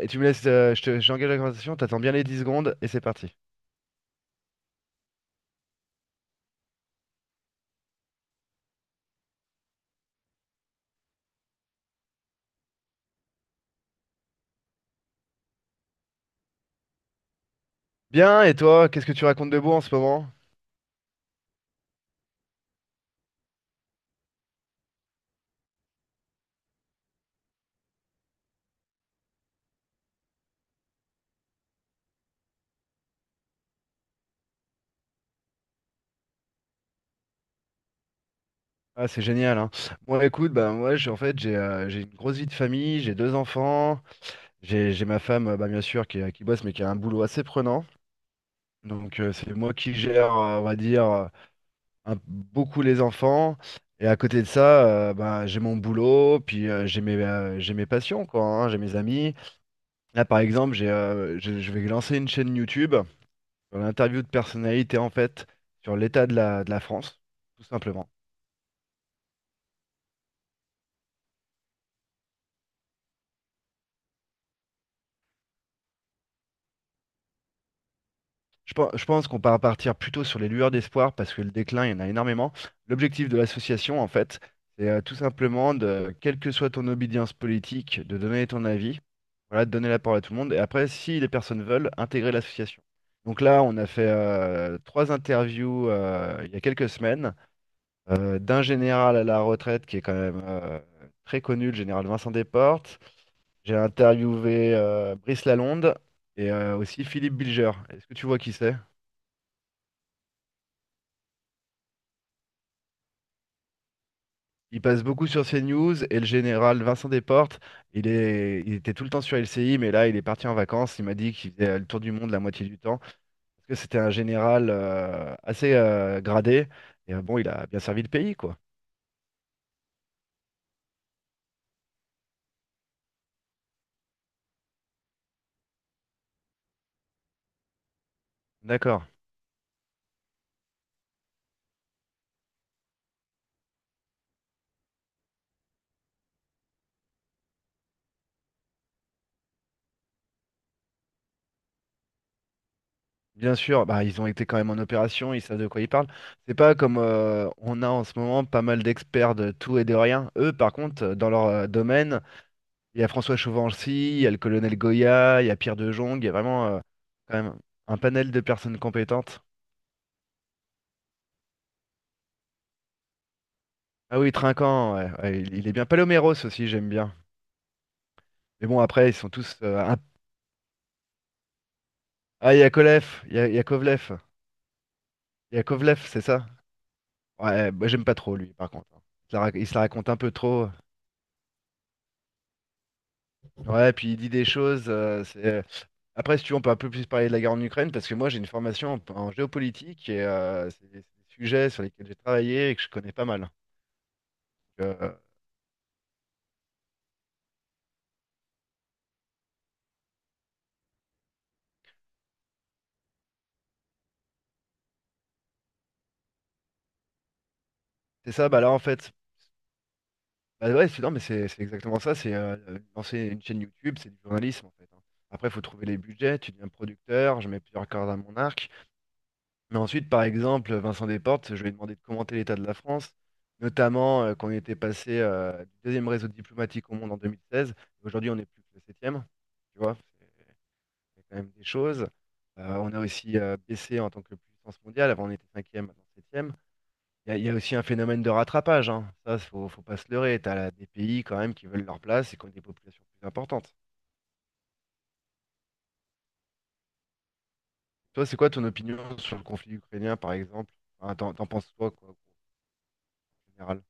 Et tu me laisses, j'engage la conversation, t'attends bien les 10 secondes et c'est parti. Bien, et toi, qu'est-ce que tu racontes de beau en ce moment? Ah, c'est génial, hein. Moi, écoute, ben moi, en fait, j'ai une grosse vie de famille, j'ai deux enfants, j'ai ma femme, bah, bien sûr, qui bosse, mais qui a un boulot assez prenant. Donc, c'est moi qui gère, on va dire, beaucoup les enfants. Et à côté de ça, bah, j'ai mon boulot, puis j'ai mes passions, quoi, hein, j'ai mes amis. Là, par exemple, je vais lancer une chaîne YouTube sur l'interview de personnalité, en fait, sur l'état de la France, tout simplement. Je pense qu'on va partir plutôt sur les lueurs d'espoir parce que le déclin, il y en a énormément. L'objectif de l'association, en fait, c'est tout simplement de, quelle que soit ton obédience politique, de donner ton avis, voilà, de donner la parole à tout le monde. Et après, si les personnes veulent, intégrer l'association. Donc là, on a fait trois interviews il y a quelques semaines d'un général à la retraite qui est quand même très connu, le général Vincent Desportes. J'ai interviewé Brice Lalonde et aussi Philippe Bilger. Est-ce que tu vois qui c'est? Il passe beaucoup sur CNews et le général Vincent Desportes, il était tout le temps sur LCI, mais là il est parti en vacances. Il m'a dit qu'il faisait le tour du monde la moitié du temps. Parce que c'était un général assez gradé. Et bon, il a bien servi le pays, quoi. D'accord. Bien sûr, bah, ils ont été quand même en opération, ils savent de quoi ils parlent. C'est pas comme on a en ce moment pas mal d'experts de tout et de rien. Eux, par contre, dans leur domaine, il y a François Chauvency, il y a le colonel Goya, il y a Pierre de Jong, il y a vraiment quand même un panel de personnes compétentes. Ah oui, Trinquant, ouais, ouais, il est bien. Paloméros aussi, j'aime bien. Mais bon, après, ils sont tous. Ah, il y a Kolev, il y a Kovlev. Il y a Kovlev, c'est ça? Ouais, bah, j'aime pas trop lui, par contre, hein. Il se la raconte un peu trop. Ouais, puis il dit des choses. Après, si tu veux, on peut un peu plus parler de la guerre en Ukraine, parce que moi, j'ai une formation en géopolitique et c'est des sujets sur lesquels j'ai travaillé et que je connais pas mal. C'est ça, bah là en fait, bah ouais, c'est non, mais c'est exactement ça, c'est lancer une chaîne YouTube, c'est du journalisme en fait, hein. Après, il faut trouver les budgets, tu deviens producteur, je mets plusieurs cordes à mon arc. Mais ensuite, par exemple, Vincent Desportes, je lui ai demandé de commenter l'état de la France, notamment qu'on était passé du deuxième réseau diplomatique au monde en 2016, et aujourd'hui on est plus que le septième, tu vois, c'est quand même des choses. On a aussi baissé en tant que puissance mondiale, avant on était cinquième, maintenant septième. Il y a aussi un phénomène de rattrapage, hein. Ça, faut pas se leurrer. T'as là des pays quand même qui veulent leur place et qui ont des populations plus importantes. Toi, c'est quoi ton opinion sur le conflit ukrainien, par exemple? Enfin, t'en penses quoi, quoi, en général?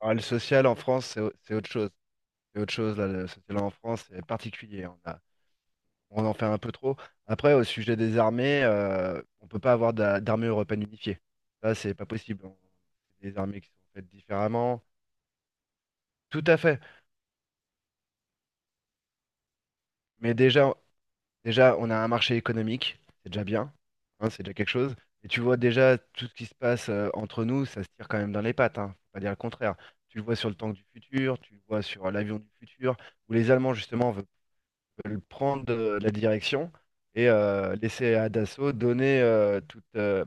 Alors, le social en France, c'est autre chose. C'est autre chose, là, le social en France, c'est particulier. On en fait un peu trop. Après, au sujet des armées, on peut pas avoir d'armée européenne unifiée. Ça, c'est pas possible. C'est des armées qui sont faites différemment. Tout à fait. Mais déjà, on a un marché économique, c'est déjà bien, hein, c'est déjà quelque chose. Et tu vois déjà tout ce qui se passe entre nous, ça se tire quand même dans les pattes, hein, faut pas dire le contraire. Tu le vois sur le tank du futur, tu le vois sur l'avion du futur, où les Allemands justement veulent prendre la direction et laisser à Dassault donner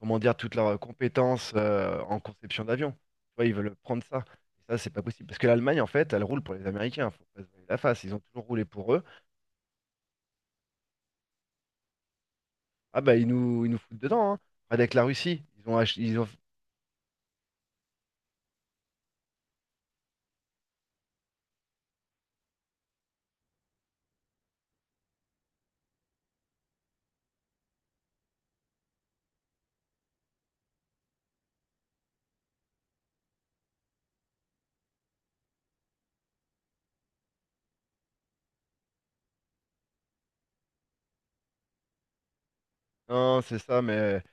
comment dire, toutes leurs compétences en conception d'avion. Tu vois, ils veulent prendre ça. Et ça, c'est pas possible. Parce que l'Allemagne, en fait, elle roule pour les Américains, faut pas se voiler la face. Ils ont toujours roulé pour eux. Ah bah ils nous foutent dedans, hein. Regarde avec la Russie, ils ont. Non, c'est ça, mais.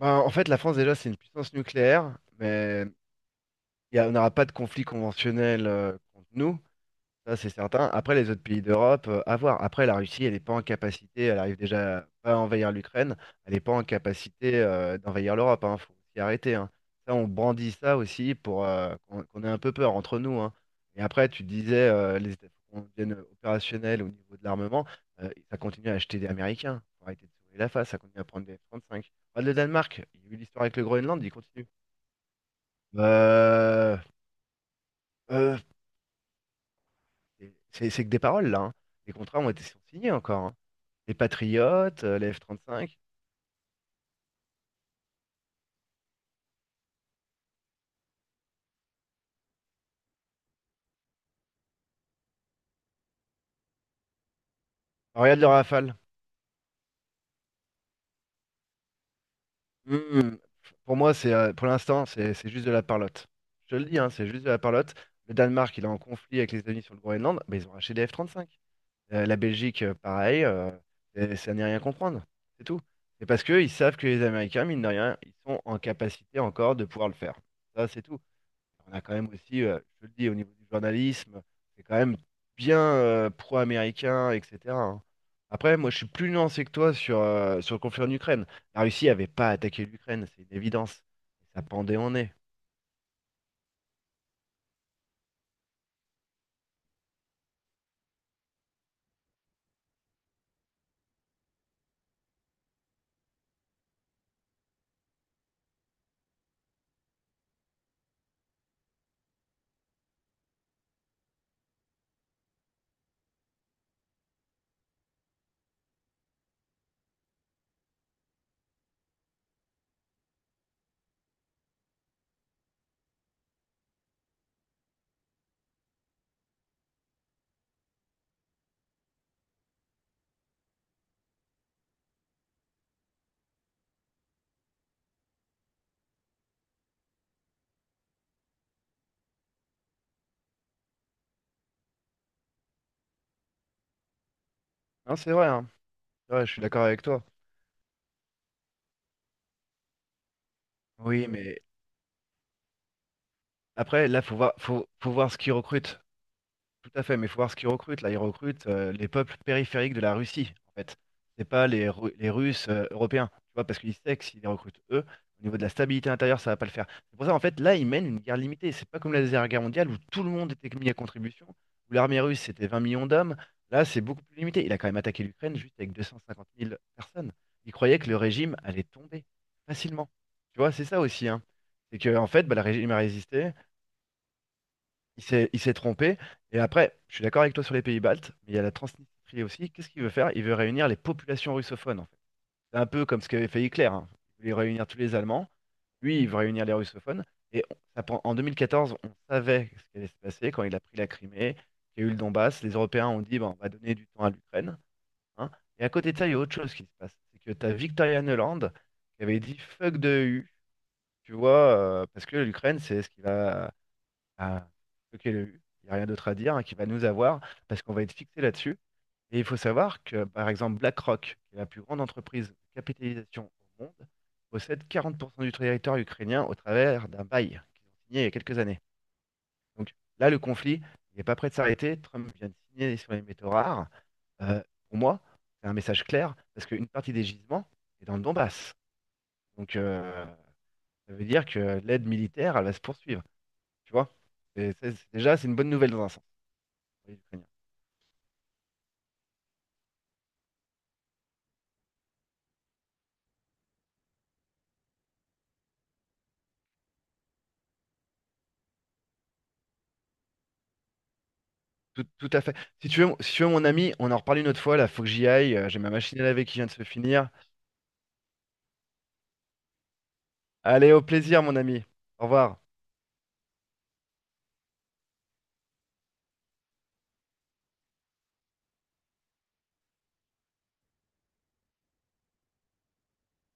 Ben, en fait, la France déjà, c'est une puissance nucléaire, mais on n'aura pas de conflit conventionnel contre nous. Ça, c'est certain. Après, les autres pays d'Europe, à voir. Après, la Russie, elle n'est pas en capacité, elle arrive déjà pas à envahir l'Ukraine, elle n'est pas en capacité d'envahir l'Europe. Il faut s'y arrêter, hein. Ça, on brandit ça aussi pour qu'on ait un peu peur entre nous, hein. Et après, tu disais, qu'on devienne opérationnel au niveau de l'armement, ça continue à acheter des Américains. Faut arrêter de se la face, ça continue à prendre des F-35. Regarde le Danemark, il y a eu l'histoire avec le Groenland, il continue. Euh, euh, c'est que des paroles, là, hein. Les contrats ont été sont signés encore, hein. Les Patriotes, les F-35. Alors, regarde le Rafale. Hmm. Pour moi, c'est pour l'instant, c'est juste de la parlotte. Je te le dis, hein, c'est juste de la parlotte. Le Danemark, il est en conflit avec les États-Unis sur le Groenland, bah, ils ont racheté des F-35. La Belgique, pareil, ça n'est rien comprendre. C'est tout. C'est parce qu'ils savent que les Américains, mine de rien, ils sont en capacité encore de pouvoir le faire. Ça, c'est tout. On a quand même aussi, je te le dis, au niveau du journalisme, c'est quand même bien pro-américain, etc., hein. Après, moi, je suis plus nuancé que toi sur le conflit en Ukraine. La Russie n'avait pas attaqué l'Ukraine, c'est une évidence. Ça pendait en nez. Non, c'est vrai, hein. Ouais, je suis d'accord avec toi. Oui, mais après, là, faut voir, faut voir ce qu'ils recrutent. Tout à fait, mais il faut voir ce qu'ils recrutent. Là, ils recrutent les peuples périphériques de la Russie, en fait. C'est pas les Russes européens, tu vois, parce qu'ils savent que s'ils les recrutent eux, au niveau de la stabilité intérieure, ça va pas le faire. C'est pour ça, en fait, là, ils mènent une guerre limitée. C'est pas comme la Deuxième Guerre mondiale où tout le monde était mis à contribution, où l'armée russe, c'était 20 millions d'hommes. Là, c'est beaucoup plus limité. Il a quand même attaqué l'Ukraine juste avec 250 000 personnes. Il croyait que le régime allait tomber facilement. Tu vois, c'est ça aussi, hein. C'est que, en fait, bah, le régime a résisté, il s'est trompé. Et après, je suis d'accord avec toi sur les pays baltes, mais il y a la Transnistrie aussi. Qu'est-ce qu'il veut faire? Il veut réunir les populations russophones, en fait. C'est un peu comme ce qu'avait fait Hitler, hein. Il voulait réunir tous les Allemands. Lui, il veut réunir les russophones. Et en 2014, on savait ce qui allait se passer quand il a pris la Crimée, qu'il y a eu le Donbass. Les Européens ont dit, Bon, on va donner du temps à l'Ukraine, hein. Et à côté de ça, il y a autre chose qui se passe. C'est que tu as Victoria Nuland qui avait dit fuck de E u". Tu vois, parce que l'Ukraine, c'est ce qui va à bloquer le U. Il n'y a rien d'autre à dire, hein, qui va nous avoir, parce qu'on va être fixé là-dessus. Et il faut savoir que, par exemple, BlackRock, qui est la plus grande entreprise de capitalisation au monde, possède 40% du territoire ukrainien au travers d'un bail qu'ils ont signé il y a quelques années. Donc là, le conflit n'est pas prêt de s'arrêter. Trump vient de signer sur les métaux rares. Euh, pour moi, c'est un message clair, parce qu'une partie des gisements est dans le Donbass. Donc ça veut dire que l'aide militaire, elle va se poursuivre. Tu vois? Et ça, déjà, c'est une bonne nouvelle dans un sens. Oui, ukrainien. Tout, tout à fait. Si tu veux, mon ami, on en reparle une autre fois, là, faut que j'y aille. J'ai ma machine à laver qui vient de se finir. Allez, au plaisir, mon ami. Au revoir.